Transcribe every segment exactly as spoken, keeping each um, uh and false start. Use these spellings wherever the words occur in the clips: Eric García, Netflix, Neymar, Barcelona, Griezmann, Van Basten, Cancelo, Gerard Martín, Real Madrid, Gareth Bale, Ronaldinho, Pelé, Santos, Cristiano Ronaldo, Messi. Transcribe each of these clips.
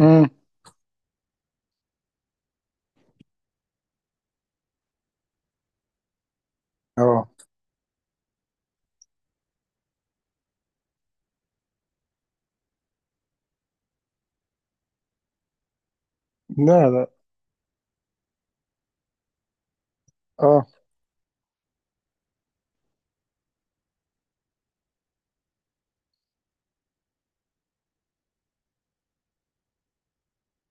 امم اه لا لا اه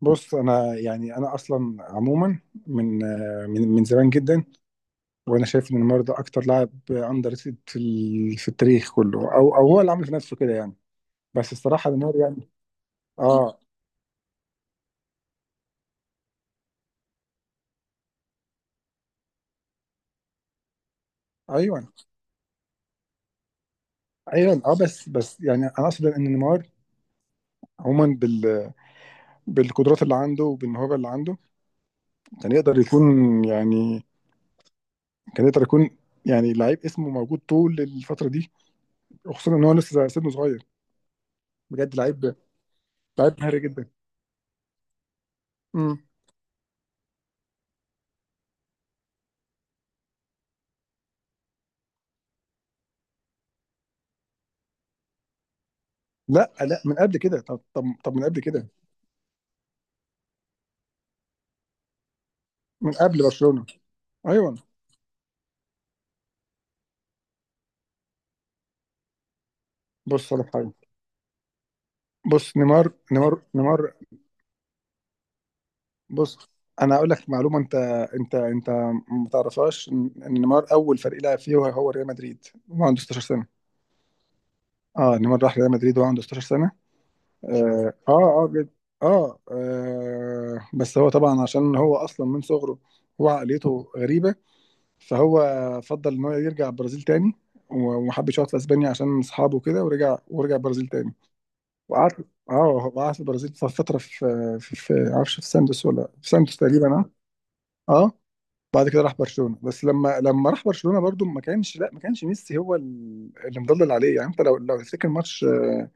بص، انا يعني انا اصلا عموما من آه، من من زمان جدا، وانا شايف ان نيمار ده اكتر لاعب اندر ريتد في ال- في التاريخ كله، او او هو اللي عامل في نفسه كده يعني. بس الصراحه نيمار يعني. اه ايوه ايوه. اه بس بس يعني انا اقصد ان نيمار عموما بال بالقدرات اللي عنده وبالموهبه اللي عنده، كان يقدر يكون يعني، كان يقدر يكون يعني لعيب اسمه موجود طول الفتره دي، وخصوصا ان هو لسه سنه صغير. بجد لعيب، لعيب مهاري جدا. مم. لا لا، من قبل كده. طب طب طب من قبل كده، من قبل برشلونة. ايوه. بص على حاجة، بص، نيمار نيمار نيمار. بص، انا هقول لك معلومة انت انت انت ما تعرفهاش: ان إن نيمار اول فريق لعب فيه هو هو ريال مدريد، وهو عنده ستاشر سنة. اه، نيمار راح ريال مدريد وهو عنده ستاشر سنة. اه اه اه, جد. آه, آه بس هو طبعا عشان هو اصلا من صغره هو عقليته غريبة. فهو فضل ان هو يرجع البرازيل تاني، و- وما حبش يقعد في اسبانيا عشان اصحابه كده، ورجع، ورجع البرازيل تاني وقعد. اه، هو قعد في البرازيل ف- فتره في في في معرفش، في سانتوس، ولا في سانتوس تقريبا. اه اه. بعد كده راح برشلونه، بس لما لما راح برشلونه برضو ما كانش، لا، ما كانش ميسي هو ال- اللي مضلل عليه. يعني انت لو لو تفتكر ماتش آه،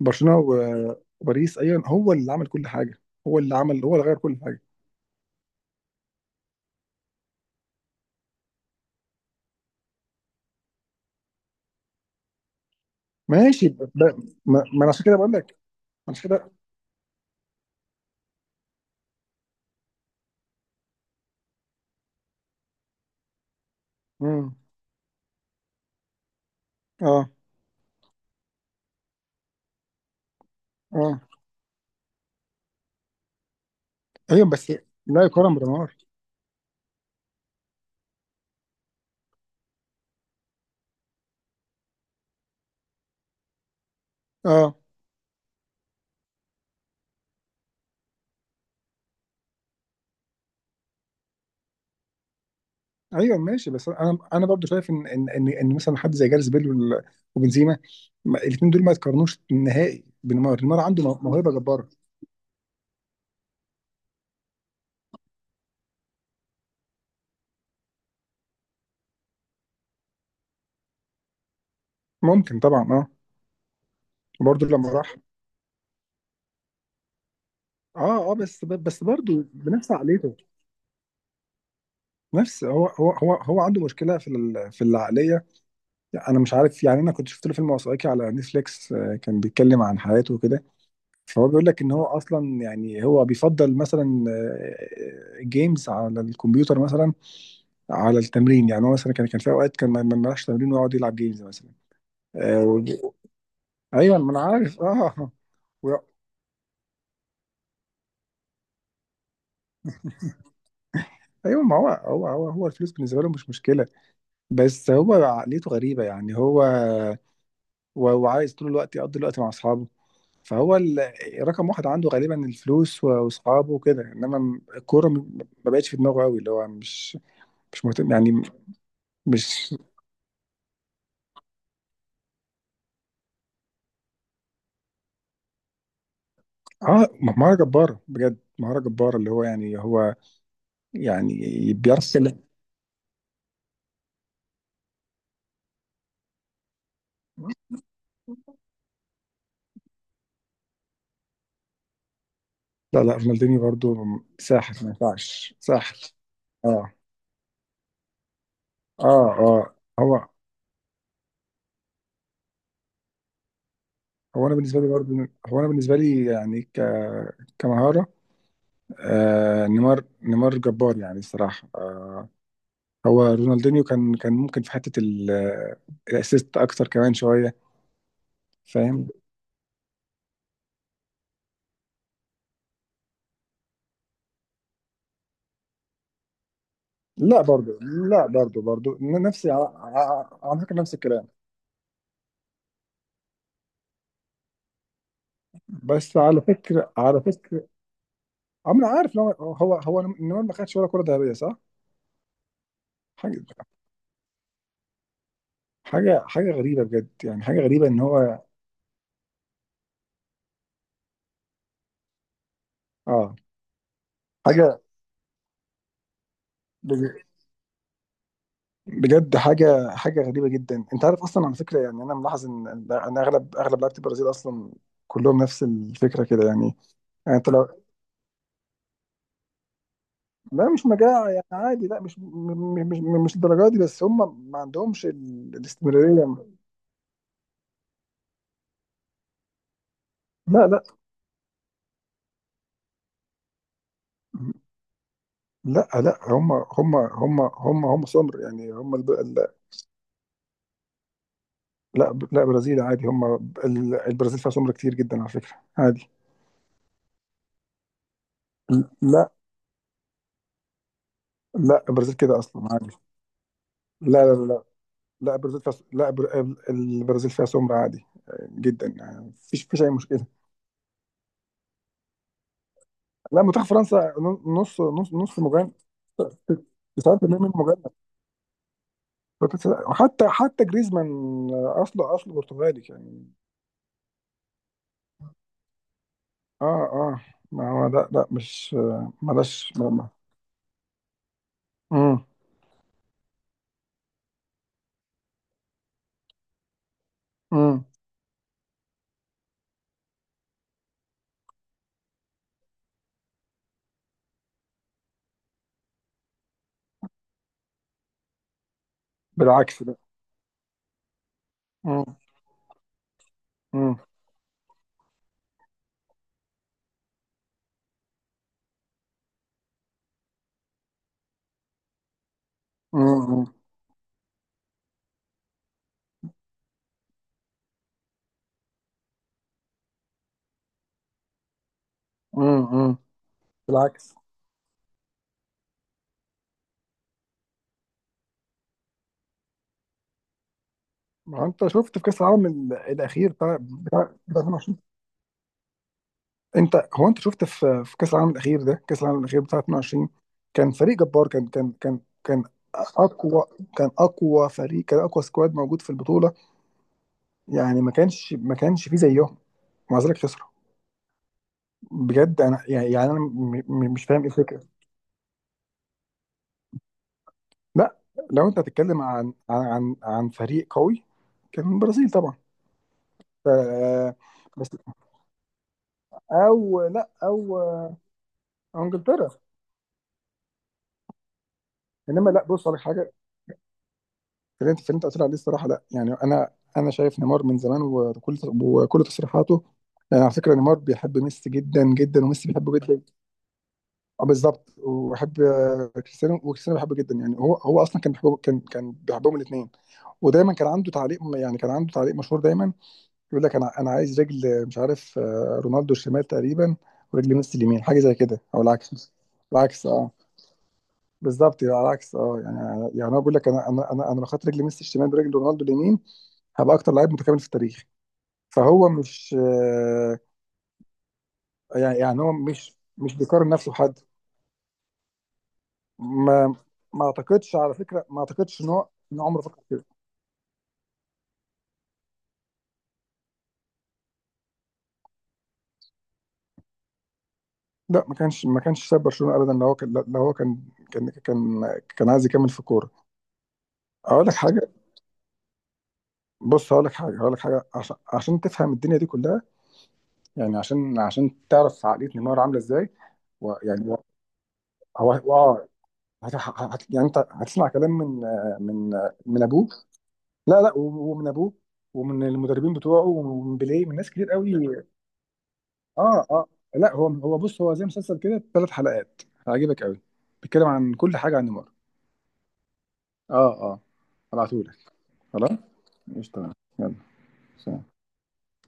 برشلونه و- وباريس، ايوه، هو اللي عمل كل حاجه، هو اللي عمل هو اللي غير كل حاجه. ماشي. ب- ب- ما ما انا عشان كده بقول لك، عشان كده. امم. اه اه، ايوه بس. لا، يقارن بنيمار؟ اه. ايوه ماشي، بس انا انا برضو شايف ان ان ان, إن مثلا حد زي جاريث بيل وال- وبنزيما، الاثنين دول ما يتقارنوش نهائي بنيمار. نيمار عنده مو- موهبه جباره. ممكن طبعا، اه. برضو لما راح. اه اه، بس ب- بس برضو بنفس عقليته، نفس. هو هو هو هو عنده مشكله في ال- في العقليه. انا مش عارف. يعني انا كنت شفت له فيلم وثائقي على نتفليكس، آه، كان بيتكلم عن حياته وكده، فهو بيقول لك ان هو اصلا يعني هو بيفضل مثلا آه، جيمز على الكمبيوتر مثلا على التمرين. يعني هو مثلا كان، كان في اوقات كان ما ما ملهاش تمرين ويقعد يلعب جيمز مثلا. آه، وج- ايوه، ما انا عارف، اه. و-. ايوه، ما هو هو هو هو الفلوس بالنسبه له مش مشكله. بس هو عقليته غريبه. يعني هو و- وعايز طول الوقت يقضي الوقت مع اصحابه. فهو ال- رقم واحد عنده غالبا الفلوس و- واصحابه وكده، انما الكوره م- ما بقتش في دماغه قوي، اللي هو مش، مش مهتم يعني. مش. اه، مهارة جبارة، بجد مهارة جبارة، اللي هو يعني هو يعني بيعرف يتكلم. لا لا، رونالدينيو برضو ساحر، ما ينفعش. ساحر. اه اه اه. هو هو انا بالنسبه لي برضو، هو انا بالنسبه لي يعني ك كمهاره. آه، نيمار نيمار جبار يعني الصراحه، آه. هو رونالدينيو كان، كان ممكن في حته ال- الاسيست اكتر كمان شويه، فاهم. لا برضو، لا برضو، برضو نفسي، على على على فكره نفس الكلام. بس على فكره، على فكره، اه، ما انا عارف إن هو هو هو النمر ما خدش ولا كرة ذهبية، صح؟ حاجة، حاجة حاجة غريبة بجد، يعني حاجة غريبة ان هو. اه. حاجة. بج- بجد، حاجة حاجة غريبة جدا. انت عارف اصلا، على فكرة يعني، انا ملاحظ ان ان اغلب اغلب لعيبة البرازيل اصلا كلهم نفس الفكرة كده يعني. يعني انت لو. لا، مش مجاعة يعني، عادي، لا، مش م- م- مش م- مش الدرجة دي، بس هم ما عندهمش ال- الاستمرارية. لا لا لا لا، هم هم هم هم هم سمر يعني هم. لا لا، برازيل عادي هم. ال- البرازيل فيها سمر كتير جدا على فكرة، عادي. لا لا، البرازيل كده أصلا عادي. لا لا لا لا، لا، البرازيل فيها، لا، بر... البرازيل فيها سمر عادي، آه، جدا يعني، مفيش، مفيش أي مشكلة. لا، منتخب فرنسا نص نص نص مجنن. تسعين بالمية من مجنن، حتى حتى جريزمان، آه، أصله أصله برتغالي يعني. اه اه. ما هو لا، لا مش، ملاش. امم. امم. بالعكس ده. امم. امم. امم. بالعكس. ما انت شفت في كاس العالم ال- الاخير بتاع بتاع بتاع اتنين وعشرين؟ انت هو، انت شفت في، في كاس العالم الاخير ده، كاس العالم الاخير بتاع اتنين وعشرين، كان فريق جبار، كان كان كان كان اقوى، كان اقوى فريق، كان اقوى سكواد موجود في البطوله، يعني ما كانش، ما كانش فيه زيهم، ومع ذلك خسروا. بجد انا يعني، يعني انا م- م- مش فاهم ايه الفكره. لا، لو انت هتتكلم عن عن عن, عن فريق قوي، كان البرازيل طبعا. ف-. بس. او لا او انجلترا. انما لا، بص على حاجه، في اللي انت، في اللي انت قلت لي عليه الصراحه، لا. يعني انا، انا شايف نيمار من زمان، وكل وكل تصريحاته. يعني على فكره نيمار بيحب ميسي جدا جدا، وميسي بيحبه جدا. اه بالظبط، وبيحب آه، كريستيانو، وكريستيانو بيحبه جدا. يعني هو، هو اصلا كان بيحبه، كان، كان بيحبهم الاثنين. ودايما كان عنده تعليق، يعني كان عنده تعليق مشهور دايما، يقول لك انا، انا عايز رجل آه، مش عارف، آه، رونالدو الشمال تقريبا، ورجل ميسي اليمين، حاجه زي كده، او العكس. العكس، اه، بالظبط، يبقى على العكس، اه، يعني يعني انا بقول لك، انا انا انا انا لو خدت رجل ميسي الشمال برجل رونالدو اليمين، هبقى اكتر لعيب متكامل في التاريخ. فهو مش، آه، يعني، يعني هو مش، مش بيقارن نفسه بحد. ما ما اعتقدش، على فكره، ما اعتقدش ان هو ان عمره فكر كده. لا، ما كانش، ما كانش ساب برشلونه ابدا. لو هو كان، لو هو كان، كان كان كان عايز يكمل في الكوره. اقول لك حاجه، بص هقول لك حاجه، هقول لك حاجه عشان، عشان تفهم الدنيا دي كلها، يعني عشان، عشان تعرف عقليه نيمار عامله ازاي. و- يعني. هو هو. هت... هت... يعني انت هتسمع كلام من من من ابوه. لا لا، ومن ابوه، ومن المدربين بتوعه، ومن بيليه، من ناس كتير قوي. اه اه. لا، هو هو بص، هو زي مسلسل كده، ثلاث حلقات، هيعجبك قوي، بيتكلم عن كل حاجه عن نيمار. اه اه، هبعتهولك. خلاص. مش، تمام. يلا، سلام.